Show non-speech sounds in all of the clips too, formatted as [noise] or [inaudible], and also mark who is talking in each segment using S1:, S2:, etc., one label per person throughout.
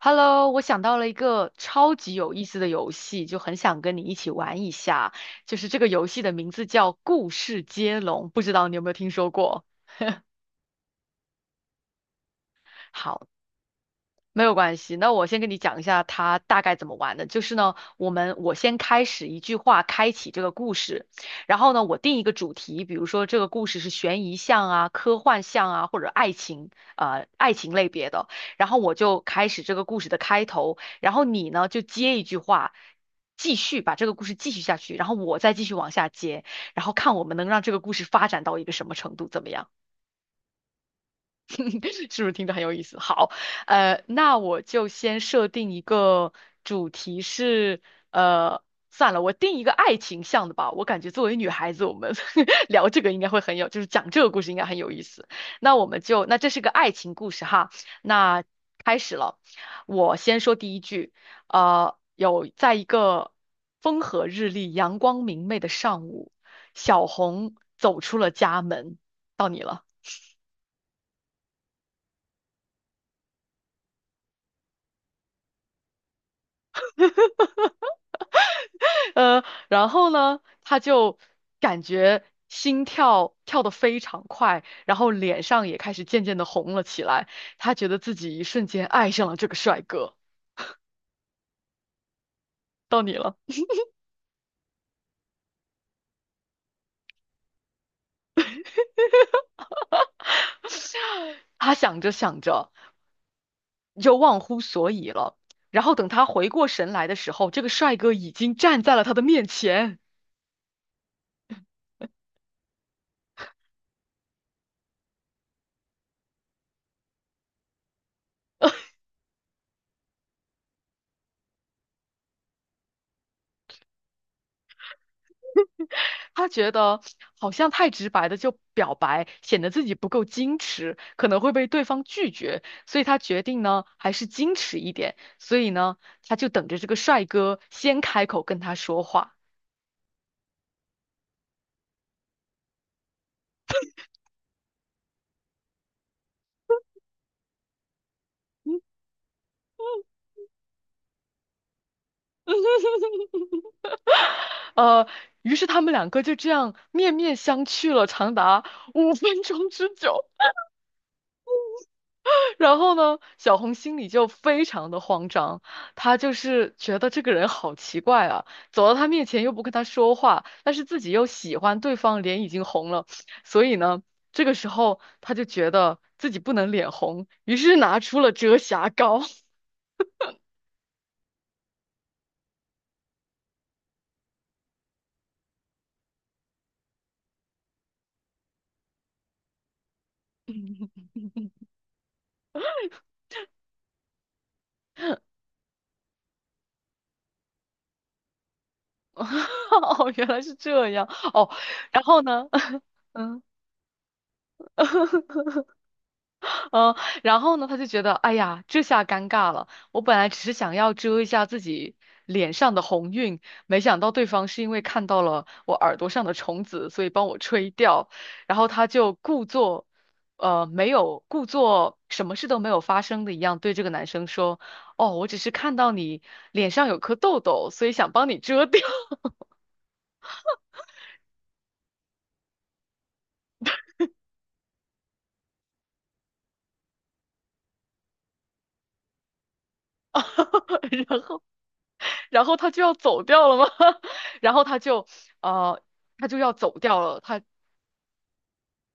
S1: Hello，我想到了一个超级有意思的游戏，就很想跟你一起玩一下。就是这个游戏的名字叫《故事接龙》，不知道你有没有听说过？好，没有关系，那我先跟你讲一下它大概怎么玩的。就是呢，我先开始一句话开启这个故事，然后呢，我定一个主题，比如说这个故事是悬疑向啊、科幻向啊，或者爱情类别的。然后我就开始这个故事的开头，然后你呢就接一句话，继续把这个故事继续下去，然后我再继续往下接，然后看我们能让这个故事发展到一个什么程度，怎么样？[laughs] 是不是听着很有意思？好，那我就先设定一个主题是，呃，算了，我定一个爱情向的吧。我感觉作为女孩子，我们 [laughs] 聊这个应该会很有，就是讲这个故事应该很有意思。那我们就，那这是个爱情故事哈，那开始了。我先说第一句，有在一个风和日丽、阳光明媚的上午，小红走出了家门，到你了。呃，然后呢，他就感觉心跳跳得非常快，然后脸上也开始渐渐的红了起来。他觉得自己一瞬间爱上了这个帅哥。到你了，他想着想着就忘乎所以了。然后等他回过神来的时候，这个帅哥已经站在了他的面前。他觉得好像太直白的就表白，显得自己不够矜持，可能会被对方拒绝，所以他决定呢，还是矜持一点。所以呢，他就等着这个帅哥先开口跟他说话。嗯呃，于是他们两个就这样面面相觑了长达5分钟之久。然后呢，小红心里就非常的慌张，她就是觉得这个人好奇怪啊，走到他面前又不跟他说话，但是自己又喜欢对方，脸已经红了，所以呢，这个时候她就觉得自己不能脸红，于是拿出了遮瑕膏。[laughs] 哦，原来是这样。哦，然后呢？[laughs] 嗯。嗯，然后呢，他就觉得，哎呀，这下尴尬了。我本来只是想要遮一下自己脸上的红晕，没想到对方是因为看到了我耳朵上的虫子，所以帮我吹掉。然后他就没有故作什么事都没有发生的一样，对这个男生说：“哦，我只是看到你脸上有颗痘痘，所以想帮你遮掉。” [laughs] 然后，然后他就要走掉了吗？[laughs] 然后他就，呃，他就要走掉了。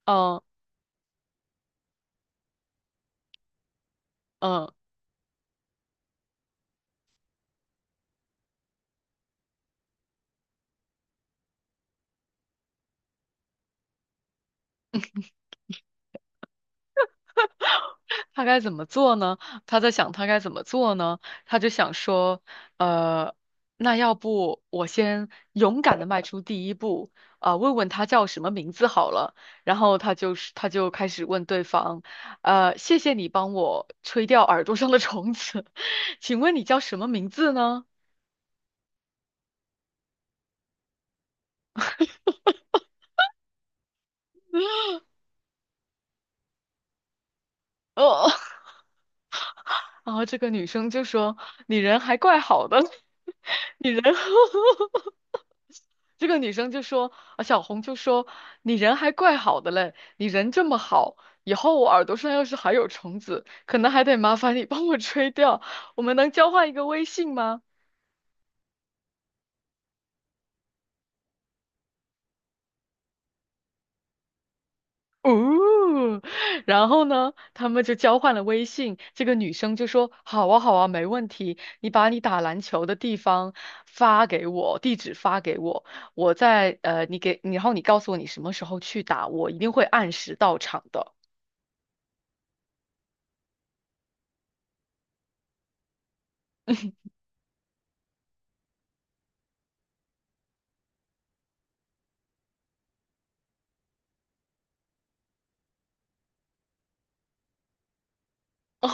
S1: 嗯、嗯。他该怎么做呢？他在想他该怎么做呢？他就想说，呃，那要不我先勇敢的迈出第一步，啊、问问他叫什么名字好了。然后他就开始问对方，谢谢你帮我吹掉耳朵上的虫子，[laughs] 请问你叫什么名字呢？哦，[laughs] 然后这个女生就说，你人还怪好的，[laughs] 你人 [laughs] 这个女生就说，啊，小红就说，你人还怪好的嘞，你人这么好，以后我耳朵上要是还有虫子，可能还得麻烦你帮我吹掉，我们能交换一个微信吗？哦，然后呢，他们就交换了微信。这个女生就说：“好啊，好啊，没问题。你把你打篮球的地方发给我，地址发给我，我在呃，你给，然后你告诉我你什么时候去打，我一定会按时到场的。”哦，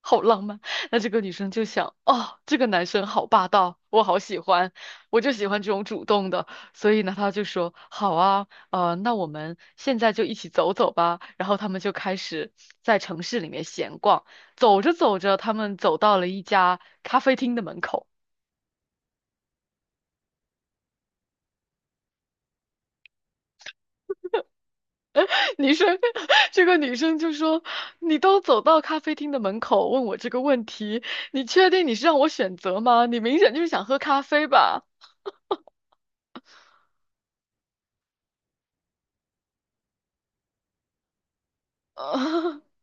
S1: 好浪漫。那这个女生就想，哦，这个男生好霸道，我好喜欢，我就喜欢这种主动的。所以呢，她就说，好啊，那我们现在就一起走走吧。然后他们就开始在城市里面闲逛，走着走着，他们走到了一家咖啡厅的门口。[laughs] 女生，[laughs] 这个女生就说：“你都走到咖啡厅的门口，问我这个问题，你确定你是让我选择吗？你明显就是想喝咖啡吧？” [laughs]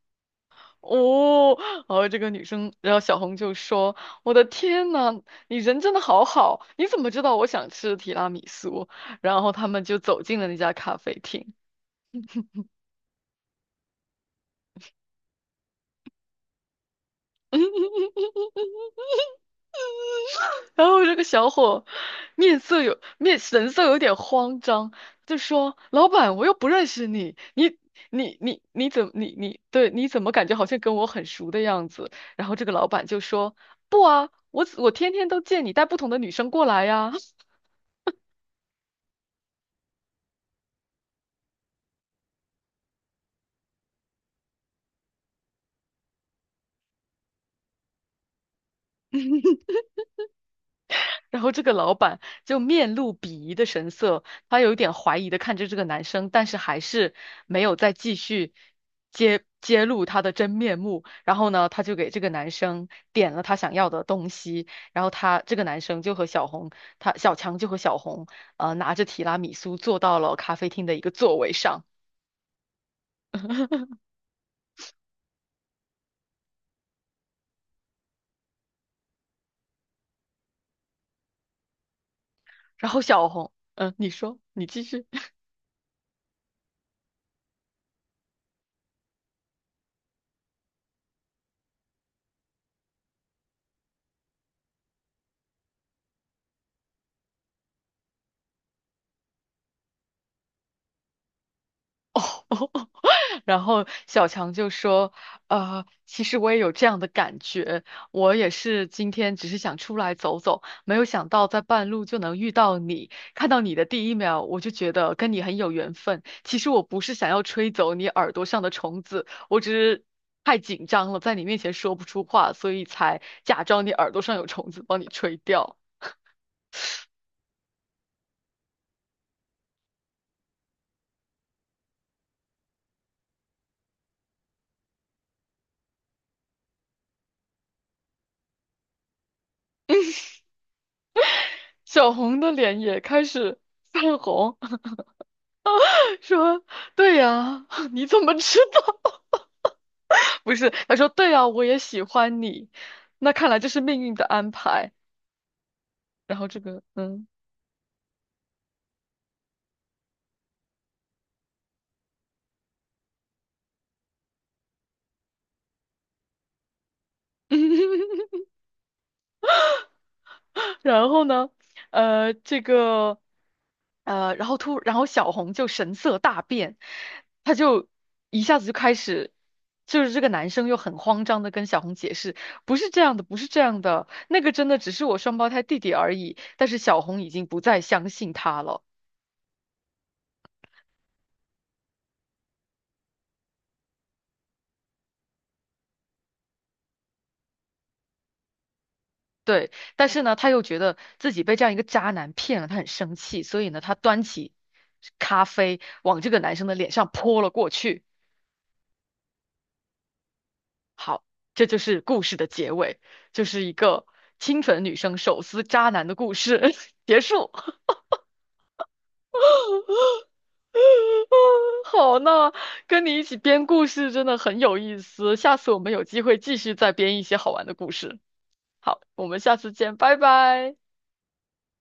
S1: 哦，然后这个女生，然后小红就说：“我的天呐，你人真的好好，你怎么知道我想吃提拉米苏？”然后他们就走进了那家咖啡厅。[laughs] 然后这个小伙面色有面神色有点慌张，就说：“老板，我又不认识你，你你你你怎么你你对你怎么感觉好像跟我很熟的样子？”然后这个老板就说：“不啊，我天天都见你带不同的女生过来呀。”然后这个老板就面露鄙夷的神色，他有一点怀疑的看着这个男生，但是还是没有再继续揭露他的真面目。然后呢，他就给这个男生点了他想要的东西，然后他这个男生就和小红，他小强就和小红，拿着提拉米苏坐到了咖啡厅的一个座位上。然后小红，嗯、你说，你继续。[laughs] 哦哦哦。然后小强就说：其实我也有这样的感觉，我也是今天只是想出来走走，没有想到在半路就能遇到你。看到你的第一秒，我就觉得跟你很有缘分。其实我不是想要吹走你耳朵上的虫子，我只是太紧张了，在你面前说不出话，所以才假装你耳朵上有虫子，帮你吹掉。”小红的脸也开始泛红，[laughs] 说：“对呀，[laughs] 你怎么知道？” [laughs] 不是，他说对啊，我也喜欢你，那看来这是命运的安排。然后这个，嗯，[laughs] 然后呢，呃，这个，呃，然后突，然后小红就神色大变，他就一下子就开始，就是这个男生又很慌张的跟小红解释，不是这样的，不是这样的，那个真的只是我双胞胎弟弟而已。但是小红已经不再相信他了。对，但是呢，他又觉得自己被这样一个渣男骗了，他很生气，所以呢，他端起咖啡往这个男生的脸上泼了过去。好，这就是故事的结尾，就是一个清纯女生手撕渣男的故事 [laughs] 结束。好，那跟你一起编故事真的很有意思，下次我们有机会继续再编一些好玩的故事。好，我们下次见，拜拜。